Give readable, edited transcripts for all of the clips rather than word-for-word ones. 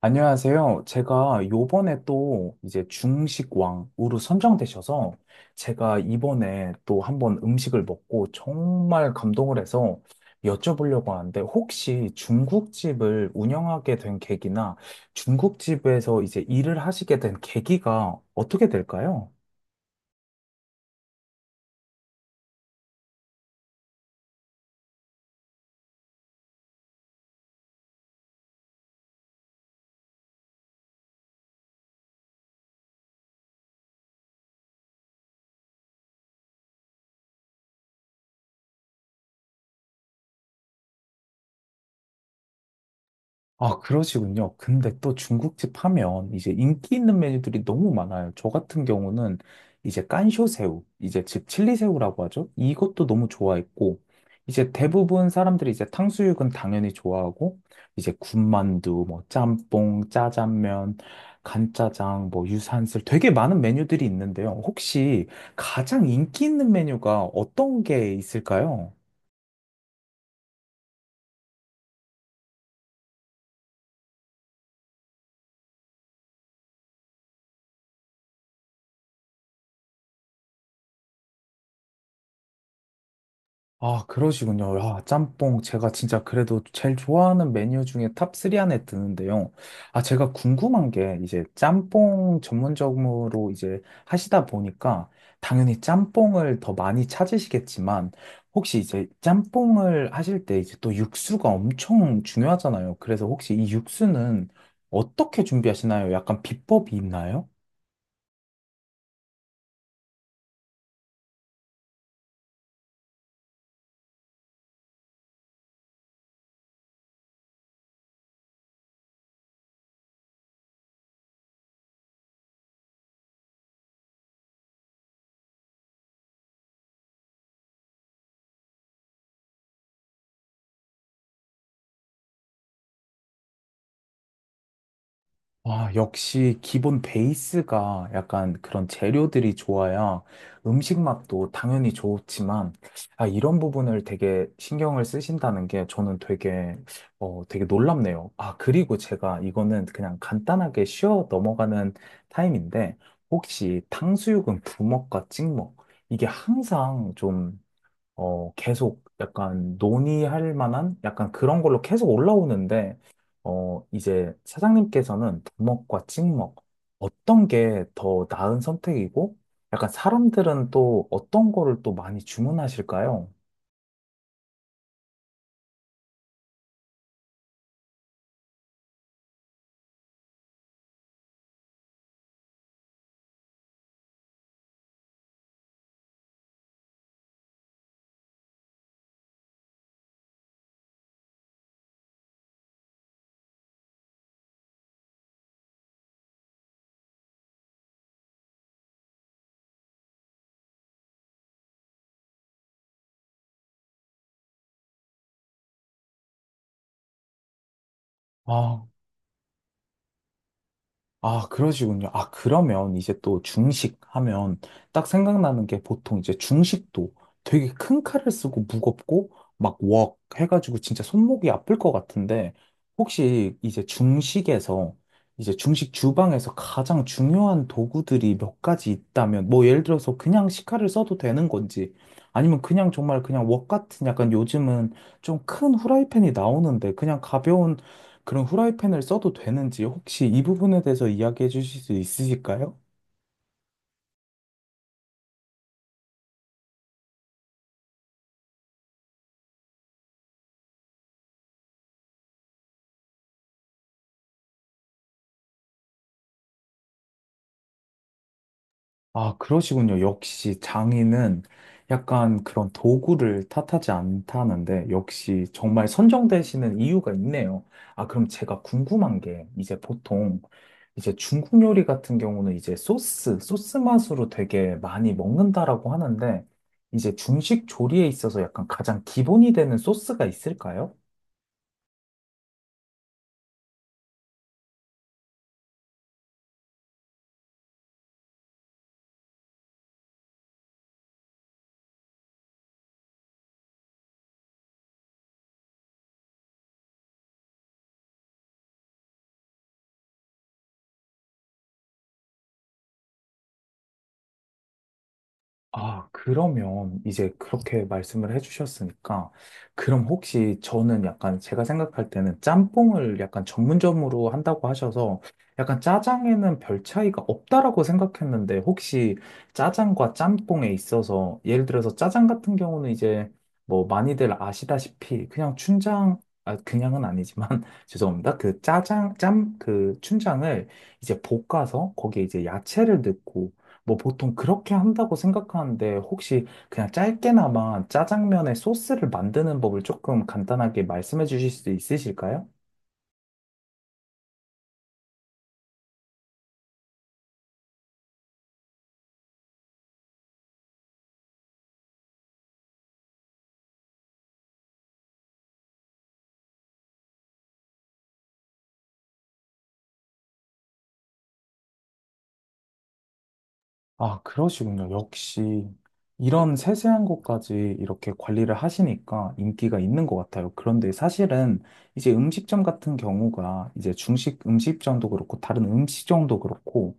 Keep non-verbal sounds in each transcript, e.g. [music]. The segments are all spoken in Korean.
안녕하세요. 제가 요번에 또 이제 중식왕으로 선정되셔서 제가 이번에 또 한번 음식을 먹고 정말 감동을 해서 여쭤보려고 하는데 혹시 중국집을 운영하게 된 계기나 중국집에서 이제 일을 하시게 된 계기가 어떻게 될까요? 아, 그러시군요. 근데 또 중국집 하면 이제 인기 있는 메뉴들이 너무 많아요. 저 같은 경우는 이제 깐쇼새우, 이제 즉 칠리새우라고 하죠. 이것도 너무 좋아했고, 이제 대부분 사람들이 이제 탕수육은 당연히 좋아하고, 이제 군만두, 뭐 짬뽕, 짜장면, 간짜장, 뭐 유산슬 되게 많은 메뉴들이 있는데요. 혹시 가장 인기 있는 메뉴가 어떤 게 있을까요? 아, 그러시군요. 아, 짬뽕. 제가 진짜 그래도 제일 좋아하는 메뉴 중에 탑3 안에 드는데요. 아, 제가 궁금한 게 이제 짬뽕 전문적으로 이제 하시다 보니까 당연히 짬뽕을 더 많이 찾으시겠지만 혹시 이제 짬뽕을 하실 때 이제 또 육수가 엄청 중요하잖아요. 그래서 혹시 이 육수는 어떻게 준비하시나요? 약간 비법이 있나요? 와, 역시 기본 베이스가 약간 그런 재료들이 좋아야 음식 맛도 당연히 좋지만, 아, 이런 부분을 되게 신경을 쓰신다는 게 저는 되게, 되게 놀랍네요. 아, 그리고 제가 이거는 그냥 간단하게 쉬어 넘어가는 타임인데, 혹시 탕수육은 부먹과 찍먹, 이게 항상 좀 계속 약간 논의할 만한 약간 그런 걸로 계속 올라오는데, 이제 사장님께서는 부먹과 찍먹, 어떤 게 더 나은 선택이고, 약간 사람들은 또 어떤 거를 또 많이 주문하실까요? 아, 그러시군요. 아, 그러면 이제 또 중식 하면 딱 생각나는 게 보통 이제 중식도 되게 큰 칼을 쓰고 무겁고 막 웍 해가지고 진짜 손목이 아플 것 같은데 혹시 이제 중식에서 이제 중식 주방에서 가장 중요한 도구들이 몇 가지 있다면 뭐 예를 들어서 그냥 식칼을 써도 되는 건지 아니면 그냥 정말 그냥 웍 같은 약간 요즘은 좀 큰 후라이팬이 나오는데 그냥 가벼운 그런 후라이팬을 써도 되는지 혹시 이 부분에 대해서 이야기해 주실 수 있으실까요? 아, 그러시군요. 역시 장인은 약간 그런 도구를 탓하지 않다는데 역시 정말 선정되시는 이유가 있네요. 아, 그럼 제가 궁금한 게 이제 보통 이제 중국 요리 같은 경우는 이제 소스, 소스 맛으로 되게 많이 먹는다라고 하는데 이제 중식 조리에 있어서 약간 가장 기본이 되는 소스가 있을까요? 아, 그러면 이제 그렇게 말씀을 해주셨으니까, 그럼 혹시 저는 약간 제가 생각할 때는 짬뽕을 약간 전문점으로 한다고 하셔서 약간 짜장에는 별 차이가 없다라고 생각했는데 혹시 짜장과 짬뽕에 있어서 예를 들어서 짜장 같은 경우는 이제 뭐 많이들 아시다시피 그냥 춘장, 아, 그냥은 아니지만 [laughs] 죄송합니다. 그 짜장, 짬, 그 춘장을 이제 볶아서 거기에 이제 야채를 넣고 뭐 보통 그렇게 한다고 생각하는데 혹시 그냥 짧게나마 짜장면의 소스를 만드는 법을 조금 간단하게 말씀해 주실 수 있으실까요? 아, 그러시군요. 역시 이런 세세한 것까지 이렇게 관리를 하시니까 인기가 있는 것 같아요. 그런데 사실은 이제 음식점 같은 경우가 이제 중식 음식점도 그렇고 다른 음식점도 그렇고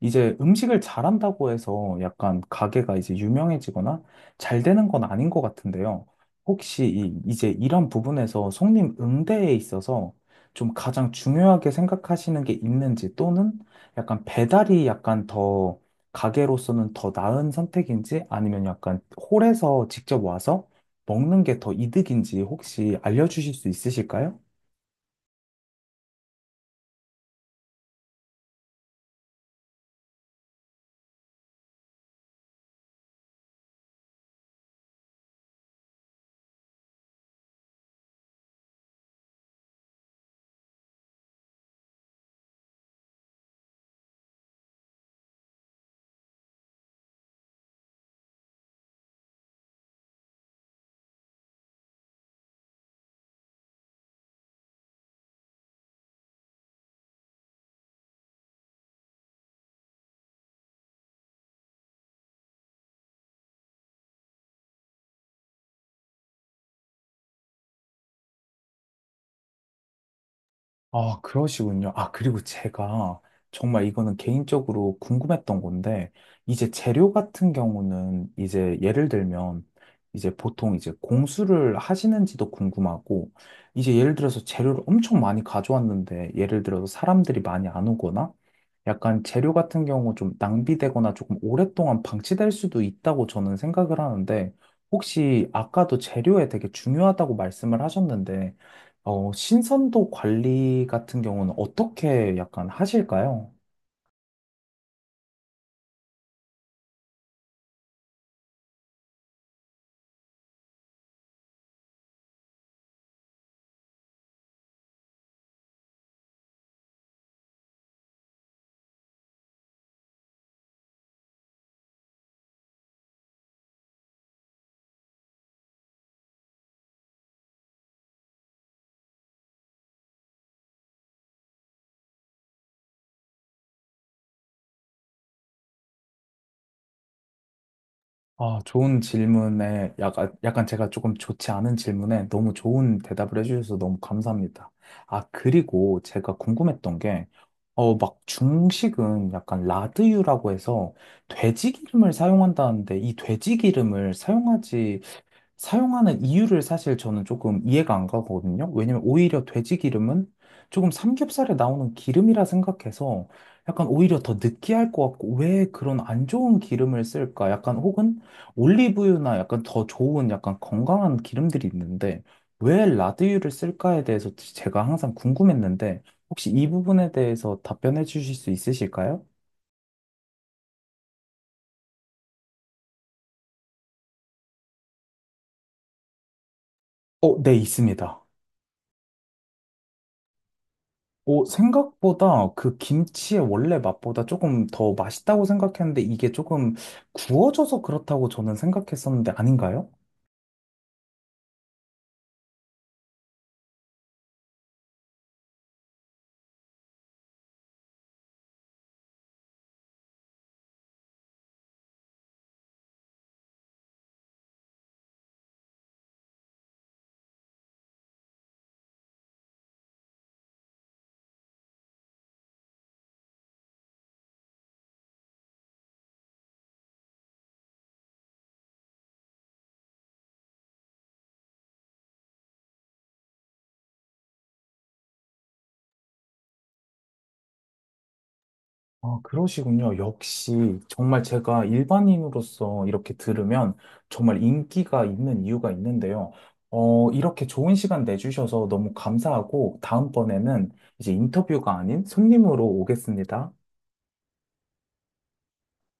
이제 음식을 잘한다고 해서 약간 가게가 이제 유명해지거나 잘 되는 건 아닌 것 같은데요. 혹시 이제 이런 부분에서 손님 응대에 있어서 좀 가장 중요하게 생각하시는 게 있는지 또는 약간 배달이 약간 더 가게로서는 더 나은 선택인지 아니면 약간 홀에서 직접 와서 먹는 게 더 이득인지 혹시 알려주실 수 있으실까요? 아, 그러시군요. 아, 그리고 제가 정말 이거는 개인적으로 궁금했던 건데, 이제 재료 같은 경우는 이제 예를 들면, 이제 보통 이제 공수를 하시는지도 궁금하고, 이제 예를 들어서 재료를 엄청 많이 가져왔는데, 예를 들어서 사람들이 많이 안 오거나, 약간 재료 같은 경우 좀 낭비되거나 조금 오랫동안 방치될 수도 있다고 저는 생각을 하는데, 혹시 아까도 재료에 되게 중요하다고 말씀을 하셨는데, 신선도 관리 같은 경우는 어떻게 약간 하실까요? 아, 좋은 질문에 약간, 약간 제가 조금 좋지 않은 질문에 너무 좋은 대답을 해주셔서 너무 감사합니다. 아, 그리고 제가 궁금했던 게, 막 중식은 약간 라드유라고 해서 돼지 기름을 사용한다는데 이 돼지 기름을 사용하지 사용하는 이유를 사실 저는 조금 이해가 안 가거든요. 왜냐면 오히려 돼지 기름은 조금 삼겹살에 나오는 기름이라 생각해서 약간 오히려 더 느끼할 것 같고 왜 그런 안 좋은 기름을 쓸까? 약간 혹은 올리브유나 약간 더 좋은 약간 건강한 기름들이 있는데 왜 라드유를 쓸까에 대해서 제가 항상 궁금했는데 혹시 이 부분에 대해서 답변해 주실 수 있으실까요? 어, 네, 있습니다. 오, 생각보다 그 김치의 원래 맛보다 조금 더 맛있다고 생각했는데 이게 조금 구워져서 그렇다고 저는 생각했었는데 아닌가요? 아, 그러시군요. 역시 정말 제가 일반인으로서 이렇게 들으면 정말 인기가 있는 이유가 있는데요. 어, 이렇게 좋은 시간 내주셔서 너무 감사하고 다음번에는 이제 인터뷰가 아닌 손님으로 오겠습니다.